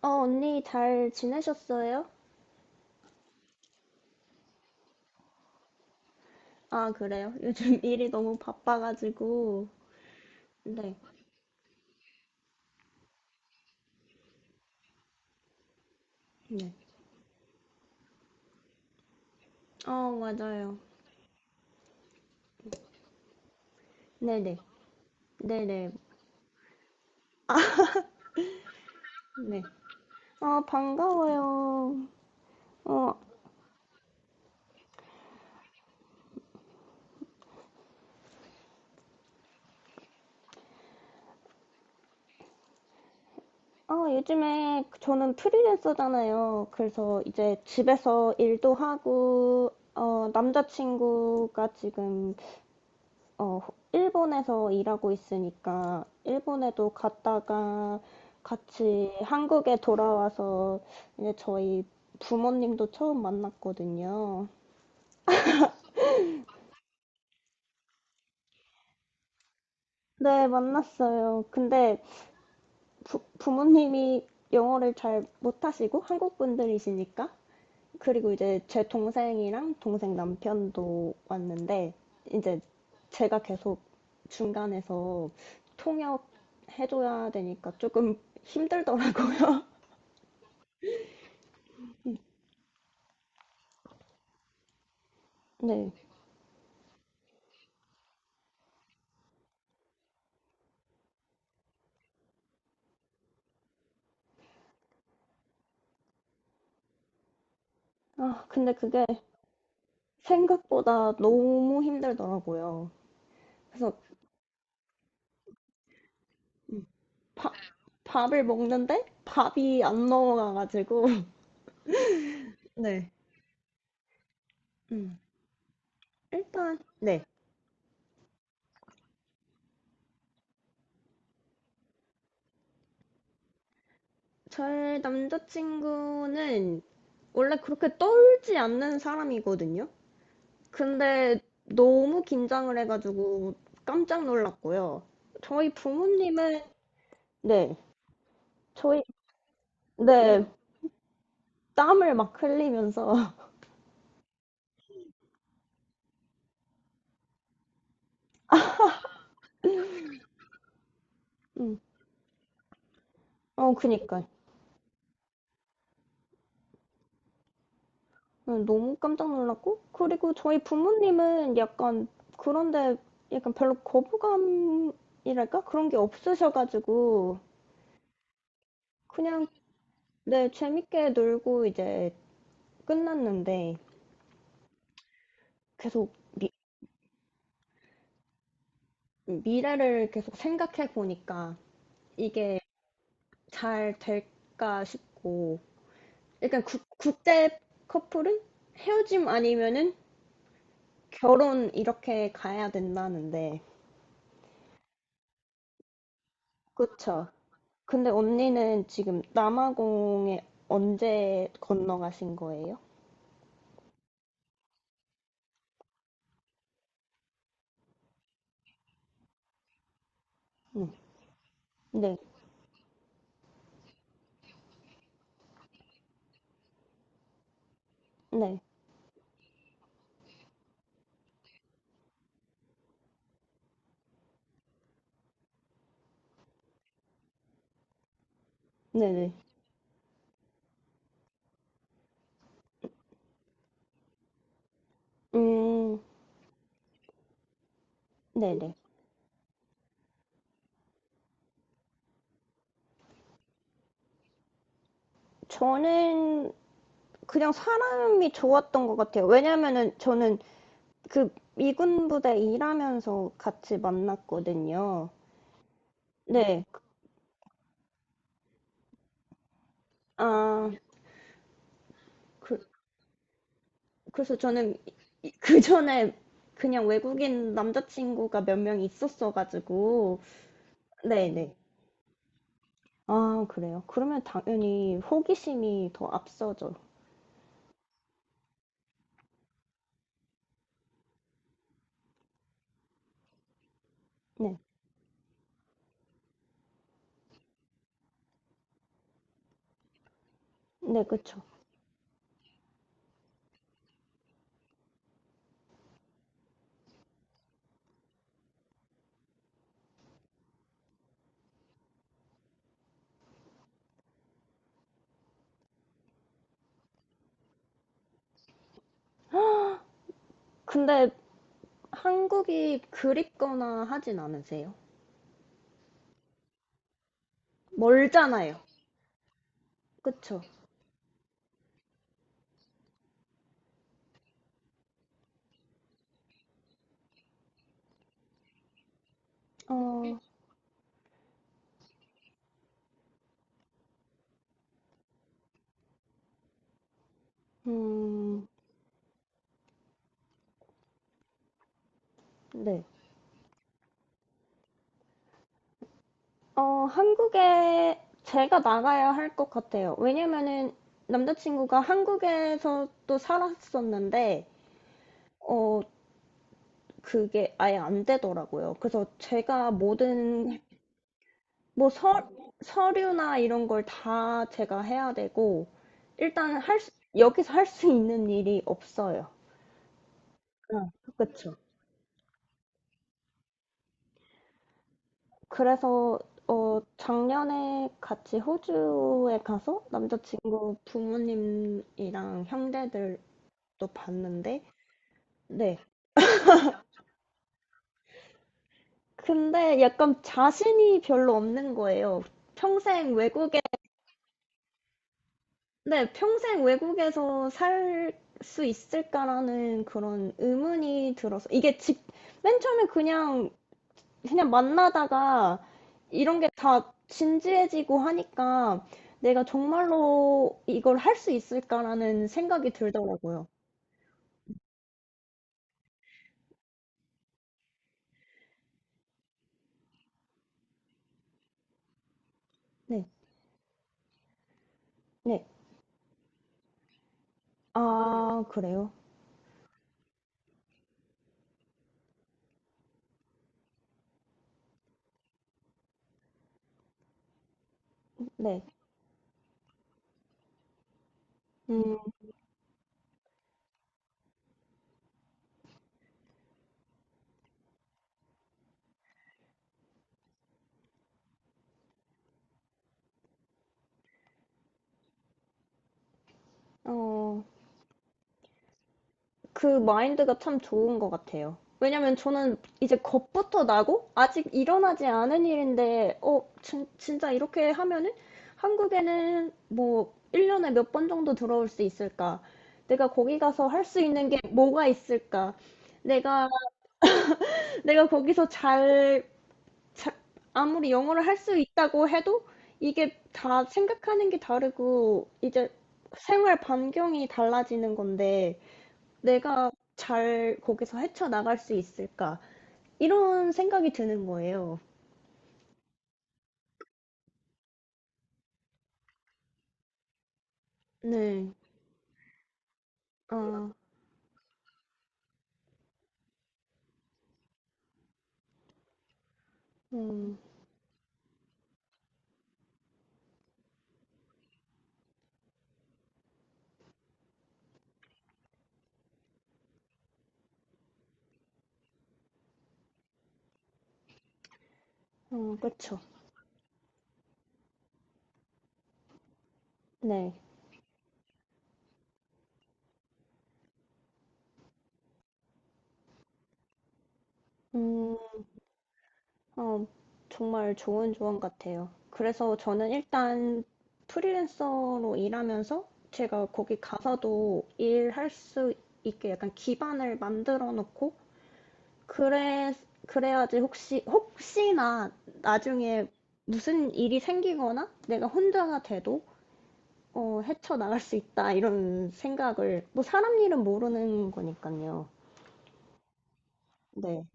어, 언니 잘 지내셨어요? 아, 그래요. 요즘 일이 너무 바빠가지고. 네, 네. 어, 맞아요. 네네. 네네. 네. 아, 반가워요. 어, 아, 요즘에 저는 프리랜서잖아요. 그래서 이제 집에서 일도 하고, 어, 남자친구가 지금 어, 일본에서 일하고 있으니까 일본에도 갔다가 같이 한국에 돌아와서 이제 저희 부모님도 처음 만났거든요. 네, 만났어요. 근데 부모님이 영어를 잘 못하시고 한국 분들이시니까 그리고 이제 제 동생이랑 동생 남편도 왔는데 이제 제가 계속 중간에서 통역 해줘야 되니까 조금 힘들더라고요. 네. 아, 근데 그게 생각보다 너무 힘들더라고요. 그래서 음, 밥, 밥을 먹는데 밥이 안 넘어가가지고. 네. 음. 일단, 네. 저의 남자친구는 원래 그렇게 떨지 않는 사람이거든요. 근데 너무 긴장을 해가지고 깜짝 놀랐고요. 저희 부모님은, 네. 저희, 네. 땀을 막 흘리면서. 음. 어, 그니까요. 응, 너무 깜짝 놀랐고, 그리고 저희 부모님은 약간 그런데 약간 별로 거부감이랄까? 그런 게 없으셔가지고, 그냥, 네, 재밌게 놀고 이제 끝났는데, 계속 미, 미래를 계속 생각해 보니까 이게 잘 될까 싶고, 약간 국제 커플은 헤어짐 아니면은 결혼 이렇게 가야 된다는데, 그쵸? 근데 언니는 지금 남아공에 언제 건너가신 거예요? 음, 네, 네, 네네. 음, 네네. 저는 그냥 사람이 좋았던 것 같아요. 왜냐면은 저는 그 미군 부대 일하면서 같이 만났거든요. 네. 아, 그, 그래서 저는 그 전에 그냥 외국인 남자친구가 몇 명 있었어가지고, 네네. 아 그래요? 그러면 당연히 호기심이 더 앞서죠. 네. 네, 그쵸. 근데 한국이 그립거나 하진 않으세요? 멀잖아요. 그쵸? 어, 음, 네. 어, 한국에 제가 나가야 할 것 같아요. 왜냐면은 남자친구가 한국에서 또 살았었는데, 어, 그게 아예 안 되더라고요. 그래서 제가 모든 뭐 서류나 이런 걸 다 제가 해야 되고 일단 할 수, 여기서 할 수 있는 일이 없어요. 응, 그쵸. 그래서 어, 작년에 같이 호주에 가서 남자친구 부모님이랑 형제들도 봤는데 네. 근데 약간 자신이 별로 없는 거예요. 평생 외국에 네, 평생 외국에서 살 수 있을까라는 그런 의문이 들어서 이게 직, 맨 처음에 그냥 만나다가 이런 게 다 진지해지고 하니까 내가 정말로 이걸 할 수 있을까라는 생각이 들더라고요. 네, 네. 아, 그래요? 네. 음, 어, 그 마인드가 참 좋은 것 같아요. 왜냐면 저는 이제 겁부터 나고 아직 일어나지 않은 일인데 어 진짜 이렇게 하면은 한국에는 뭐 1년에 몇 번 정도 들어올 수 있을까? 내가 거기 가서 할 수 있는 게 뭐가 있을까? 내가 내가 거기서 잘, 잘 아무리 영어를 할 수 있다고 해도 이게 다 생각하는 게 다르고 이제 생활 반경이 달라지는 건데 내가 잘 거기서 헤쳐나갈 수 있을까? 이런 생각이 드는 거예요. 네. 아, 음, 어, 그쵸. 네. 음, 어, 정말 좋은 조언 같아요. 그래서 저는 일단 프리랜서로 일하면서 제가 거기 가서도 일할 수 있게 약간 기반을 만들어 놓고, 그래, 그래야지 혹시나 나중에 무슨 일이 생기거나 내가 혼자가 돼도 어, 헤쳐나갈 수 있다, 이런 생각을, 뭐, 사람 일은 모르는 거니까요. 네,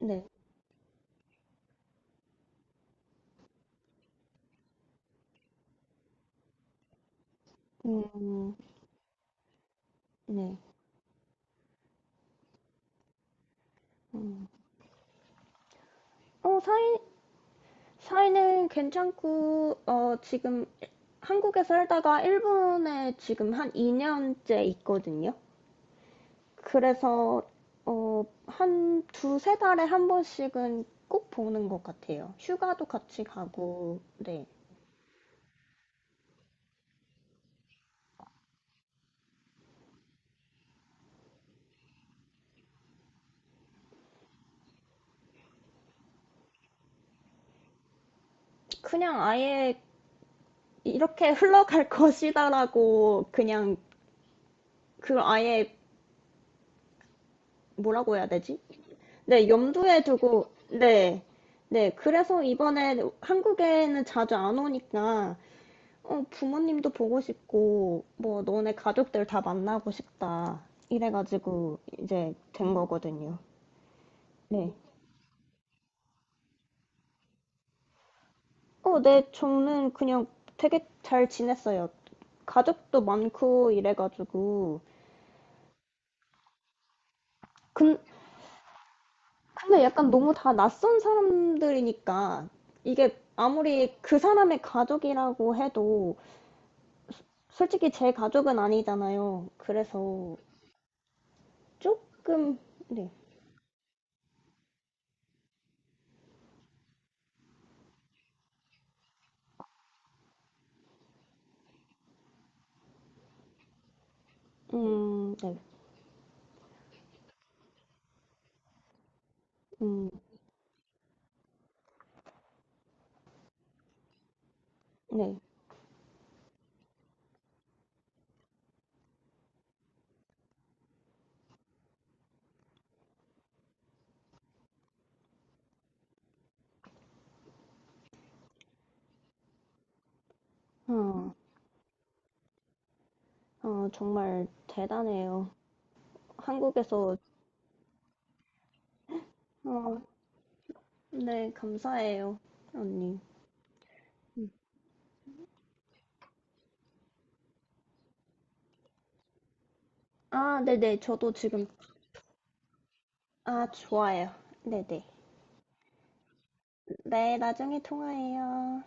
네, 음, 네. 음. 어, 사이는 괜찮고, 어, 지금 한국에 살다가 일본에 지금 한 2년째 있거든요. 그래서, 어, 한 두세 달에 한 번씩은 꼭 보는 것 같아요. 휴가도 같이 가고, 네. 그냥 아예 이렇게 흘러갈 것이다라고 그냥 그걸 아예 뭐라고 해야 되지? 네, 염두에 두고, 네, 네. 그래서 이번에 한국에는 자주 안 오니까, 어, 부모님도 보고 싶고, 뭐, 너네 가족들 다 만나고 싶다. 이래가지고 이제 된 거거든요. 네. 어, 네, 저는 그냥 되게 잘 지냈어요. 가족도 많고 이래가지고. 근, 근데 약간 너무 다 낯선 사람들이니까 이게 아무리 그 사람의 가족이라고 해도 솔직히 제 가족은 아니잖아요. 그래서 조금 네, 네, 음, 네, 어, 어, 정말 대단해요. 한국에서 어, 네, 감사해요, 언니. 아, 네네, 저도 지금 아, 좋아요. 네네. 네, 네, 나중에 통화해요.